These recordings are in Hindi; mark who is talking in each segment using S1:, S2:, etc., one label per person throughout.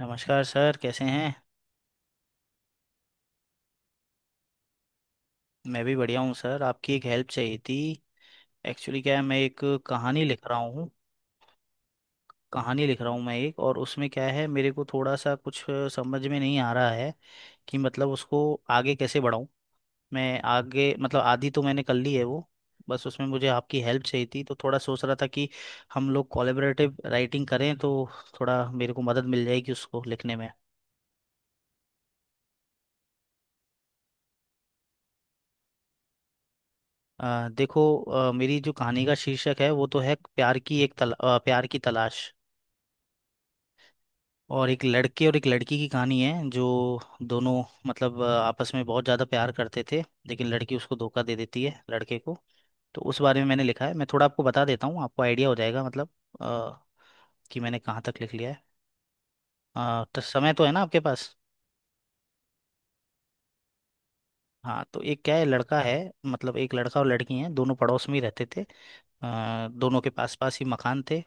S1: नमस्कार सर, कैसे हैं। मैं भी बढ़िया हूँ सर। आपकी एक हेल्प चाहिए थी। एक्चुअली क्या है, मैं एक कहानी लिख रहा हूँ। कहानी लिख रहा हूँ मैं एक, और उसमें क्या है, मेरे को थोड़ा सा कुछ समझ में नहीं आ रहा है कि मतलब उसको आगे कैसे बढ़ाऊँ मैं आगे। मतलब आधी तो मैंने कर ली है वो। बस उसमें मुझे आपकी हेल्प चाहिए थी, तो थोड़ा सोच रहा था कि हम लोग कोलेबरेटिव राइटिंग करें तो थोड़ा मेरे को मदद मिल जाएगी उसको लिखने में। देखो, मेरी जो कहानी का शीर्षक है वो तो है प्यार की एक प्यार की तलाश। और एक लड़के और एक लड़की की कहानी है, जो दोनों मतलब आपस में बहुत ज़्यादा प्यार करते थे, लेकिन लड़की उसको धोखा दे देती है लड़के को। तो उस बारे में मैंने लिखा है, मैं थोड़ा आपको बता देता हूँ, आपको आइडिया हो जाएगा मतलब अ, कि मैंने कहाँ तक लिख लिया है। तो समय तो है ना आपके पास। हाँ, तो एक क्या है लड़का है, मतलब एक लड़का और लड़की हैं, दोनों पड़ोस में ही रहते थे। दोनों के पास पास ही मकान थे,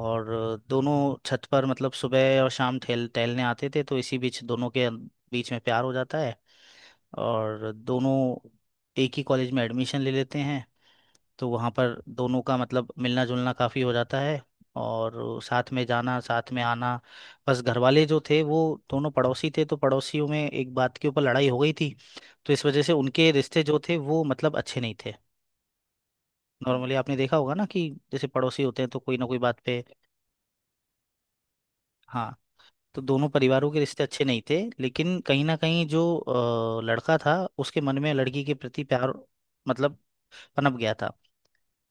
S1: और दोनों छत पर मतलब सुबह और शाम ठेल टहलने आते थे, तो इसी बीच दोनों के बीच में प्यार हो जाता है। और दोनों एक ही कॉलेज में एडमिशन ले लेते हैं, तो वहाँ पर दोनों का मतलब मिलना जुलना काफ़ी हो जाता है, और साथ में जाना, साथ में आना। बस घर वाले जो थे वो, दोनों पड़ोसी थे तो पड़ोसियों में एक बात के ऊपर लड़ाई हो गई थी, तो इस वजह से उनके रिश्ते जो थे वो मतलब अच्छे नहीं थे। नॉर्मली आपने देखा होगा ना कि जैसे पड़ोसी होते हैं तो कोई ना कोई बात पे। हाँ, तो दोनों परिवारों के रिश्ते अच्छे नहीं थे, लेकिन कहीं ना कहीं जो लड़का था उसके मन में लड़की के प्रति प्यार मतलब पनप गया था।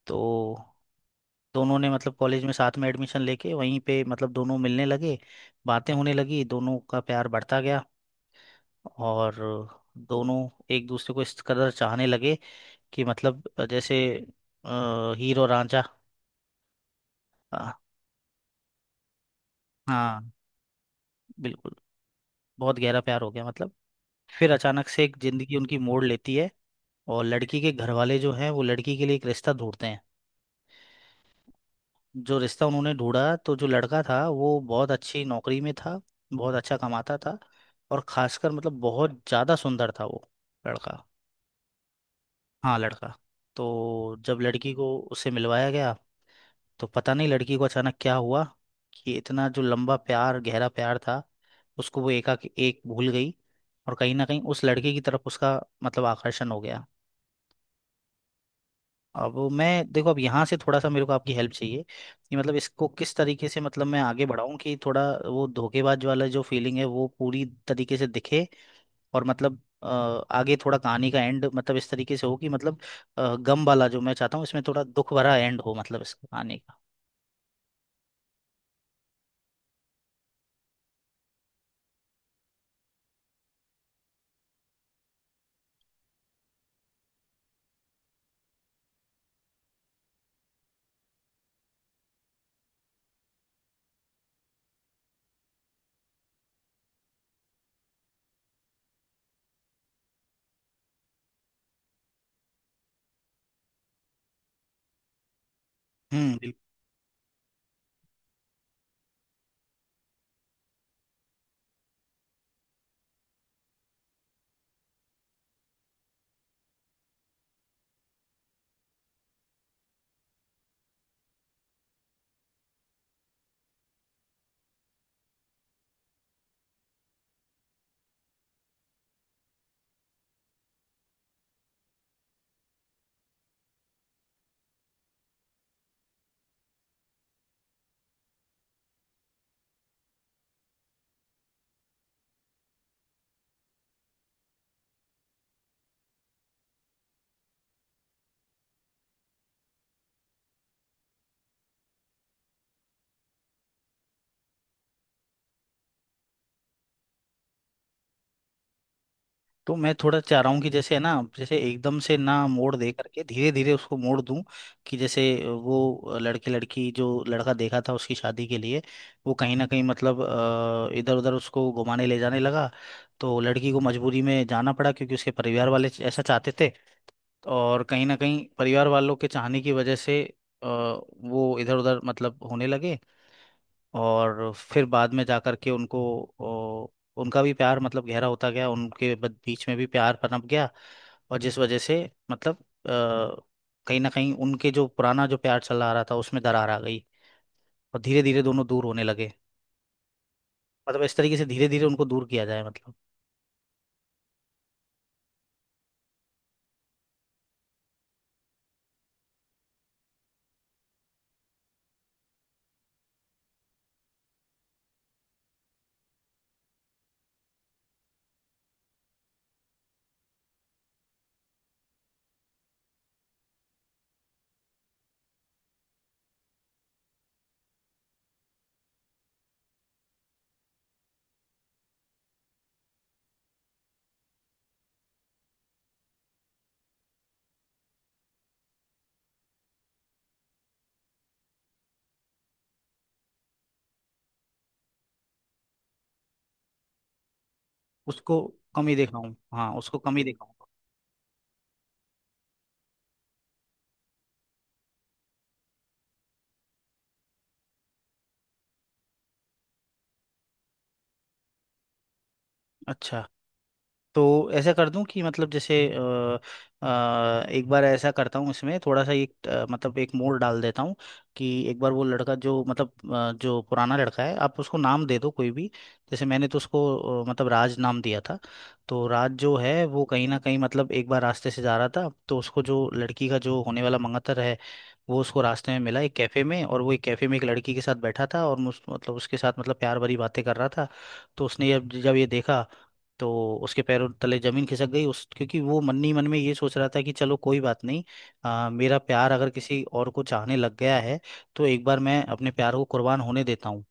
S1: तो दोनों ने मतलब कॉलेज में साथ में एडमिशन लेके वहीं पे मतलब दोनों मिलने लगे, बातें होने लगी, दोनों का प्यार बढ़ता गया। और दोनों एक दूसरे को इस कदर चाहने लगे कि मतलब जैसे हीरो रांझा, अ, हाँ, बिल्कुल, बहुत गहरा प्यार हो गया मतलब। फिर अचानक से एक जिंदगी उनकी मोड़ लेती है, और लड़की के घर वाले जो हैं वो लड़की के लिए एक रिश्ता ढूंढते हैं। जो रिश्ता उन्होंने ढूंढा, तो जो लड़का था वो बहुत अच्छी नौकरी में था, बहुत अच्छा कमाता था, और खासकर मतलब बहुत ज़्यादा सुंदर था वो लड़का। हाँ लड़का। तो जब लड़की को उससे मिलवाया गया, तो पता नहीं लड़की को अचानक क्या हुआ कि इतना जो लंबा प्यार, गहरा प्यार था, उसको वो एकाएक एक भूल गई। और कहीं ना कहीं उस लड़के की तरफ उसका मतलब आकर्षण हो गया। अब मैं देखो, अब यहाँ से थोड़ा सा मेरे को आपकी हेल्प चाहिए कि मतलब इसको किस तरीके से मतलब मैं आगे बढ़ाऊं कि थोड़ा वो धोखेबाज वाला जो फीलिंग है वो पूरी तरीके से दिखे, और मतलब आगे थोड़ा कहानी का एंड मतलब इस तरीके से हो कि मतलब गम वाला जो मैं चाहता हूँ, इसमें थोड़ा दुख भरा एंड हो मतलब इस कहानी का। हम्म तो मैं थोड़ा चाह रहा हूँ कि जैसे है ना, जैसे एकदम से ना मोड़ दे करके धीरे धीरे उसको मोड़ दूं कि जैसे वो लड़के लड़की जो लड़का देखा था उसकी शादी के लिए, वो कहीं ना कहीं मतलब इधर उधर उसको घुमाने ले जाने लगा, तो लड़की को मजबूरी में जाना पड़ा, क्योंकि उसके परिवार वाले ऐसा चाहते थे। और कहीं ना कहीं परिवार वालों के चाहने की वजह से वो इधर उधर मतलब होने लगे। और फिर बाद में जाकर के उनको, ओ, उनका भी प्यार मतलब गहरा होता गया, उनके बीच में भी प्यार पनप गया। और जिस वजह से मतलब कहीं ना कहीं उनके जो पुराना जो प्यार चला आ रहा था, उसमें दरार आ गई, और धीरे धीरे दोनों दूर होने लगे। मतलब इस तरीके से धीरे धीरे उनको दूर किया जाए मतलब। उसको कम ही देखा हूँ, हाँ, उसको कम ही देखा हूँ। अच्छा, तो ऐसा कर दूं कि मतलब जैसे एक बार ऐसा करता हूँ, इसमें थोड़ा सा एक, मतलब एक मोड़ डाल देता हूँ कि एक बार वो लड़का जो मतलब जो पुराना लड़का है, आप उसको नाम दे दो कोई भी, जैसे मैंने तो उसको मतलब राज नाम दिया था। तो राज जो है वो कहीं ना कहीं मतलब एक बार रास्ते से जा रहा था, तो उसको जो लड़की का जो होने वाला मंगतर है, वो उसको रास्ते में मिला एक कैफ़े में, और वो एक कैफ़े में एक लड़की के साथ बैठा था, और मतलब उसके साथ मतलब प्यार भरी बातें कर रहा था। तो उसने जब जब ये देखा, तो उसके पैरों तले जमीन खिसक गई उस, क्योंकि वो मन ही मन में ये सोच रहा था कि चलो कोई बात नहीं, मेरा प्यार अगर किसी और को चाहने लग गया है, तो एक बार मैं अपने प्यार को कुर्बान होने देता हूँ।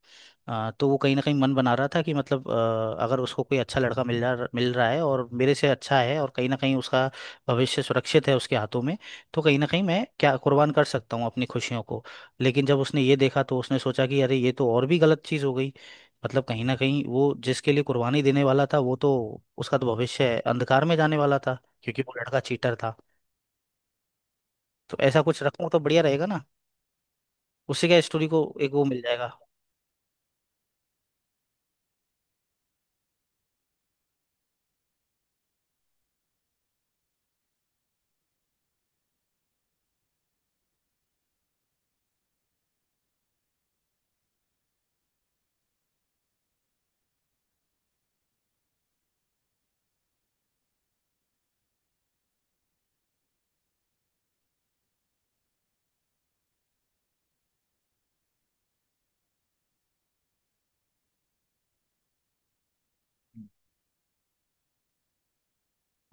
S1: तो वो कहीं ना कहीं मन बना रहा था कि मतलब अगर उसको कोई अच्छा लड़का मिल रहा है और मेरे से अच्छा है, और कहीं ना कहीं उसका भविष्य सुरक्षित है उसके हाथों में, तो कहीं ना कहीं मैं क्या कुर्बान कर सकता हूँ अपनी खुशियों को। लेकिन जब उसने ये देखा, तो उसने सोचा कि अरे, ये तो और भी गलत चीज़ हो गई। मतलब कहीं ना कहीं वो जिसके लिए कुर्बानी देने वाला था, वो तो, उसका तो भविष्य अंधकार में जाने वाला था, क्योंकि वो लड़का चीटर था। तो ऐसा कुछ रखूँ तो बढ़िया रहेगा ना, उससे क्या स्टोरी को एक वो मिल जाएगा।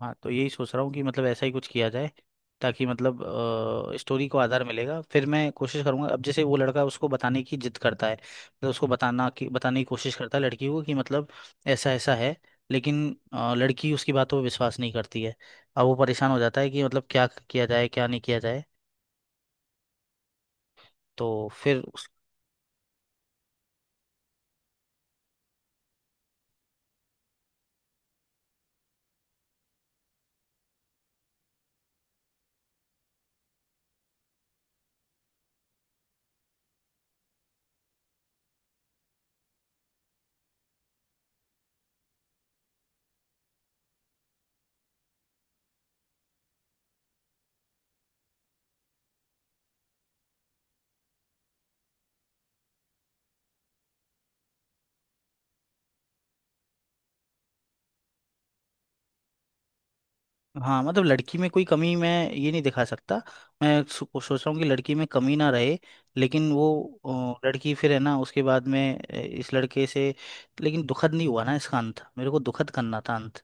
S1: हाँ, तो यही सोच रहा हूँ कि मतलब ऐसा ही कुछ किया जाए ताकि मतलब स्टोरी को आधार मिलेगा। फिर मैं कोशिश करूंगा, अब जैसे वो लड़का उसको बताने की जिद करता है, मतलब उसको बताना की बताने की कोशिश करता है लड़की को कि मतलब ऐसा ऐसा है, लेकिन लड़की उसकी बातों पर विश्वास नहीं करती है। अब वो परेशान हो जाता है कि मतलब क्या किया जाए, क्या नहीं किया जाए। तो फिर, हाँ मतलब लड़की में कोई कमी मैं ये नहीं दिखा सकता, मैं सोच रहा हूँ कि लड़की में कमी ना रहे, लेकिन वो लड़की फिर है ना उसके बाद में इस लड़के से, लेकिन दुखद नहीं हुआ ना इसका अंत, मेरे को दुखद करना था अंत,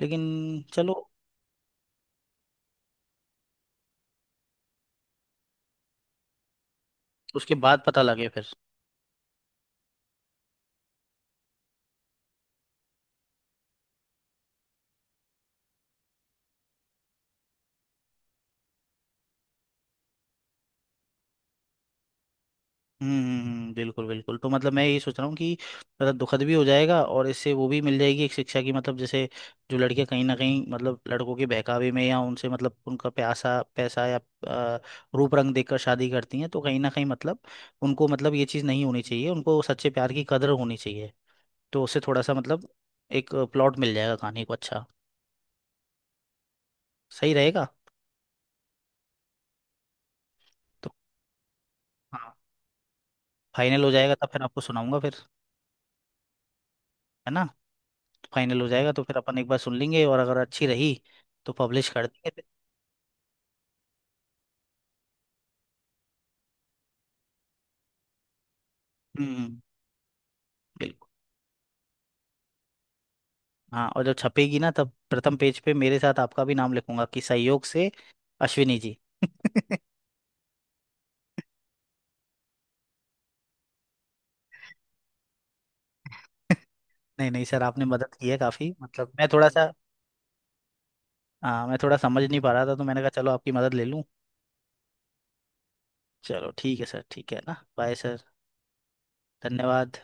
S1: लेकिन चलो उसके बाद पता लगे फिर। बिल्कुल बिल्कुल, तो मतलब मैं ये सोच रहा हूँ कि मतलब दुखद भी हो जाएगा, और इससे वो भी मिल जाएगी एक शिक्षा की, मतलब जैसे जो लड़कियां कहीं ना कहीं मतलब लड़कों के बहकावे में या उनसे मतलब उनका प्यासा पैसा या आ, रूप रंग देखकर शादी करती हैं, तो कहीं ना कहीं मतलब उनको मतलब ये चीज़ नहीं होनी चाहिए, उनको सच्चे प्यार की कदर होनी चाहिए। तो उससे थोड़ा सा मतलब एक प्लॉट मिल जाएगा कहानी को। अच्छा सही रहेगा। तो हाँ, फाइनल हो जाएगा तब फिर आपको सुनाऊंगा फिर, है ना। फाइनल हो जाएगा तो फिर अपन एक बार सुन लेंगे, और अगर अच्छी रही तो पब्लिश कर देंगे। हम्म, बिल्कुल। हाँ, और जब छपेगी ना तब प्रथम पेज पे मेरे साथ आपका भी नाम लिखूंगा कि सहयोग से अश्विनी जी। नहीं नहीं सर, आपने मदद की है काफी, मतलब मैं थोड़ा सा, हाँ मैं थोड़ा समझ नहीं पा रहा था तो मैंने कहा चलो आपकी मदद ले लूं। चलो ठीक है सर, ठीक है ना, बाय सर। धन्यवाद।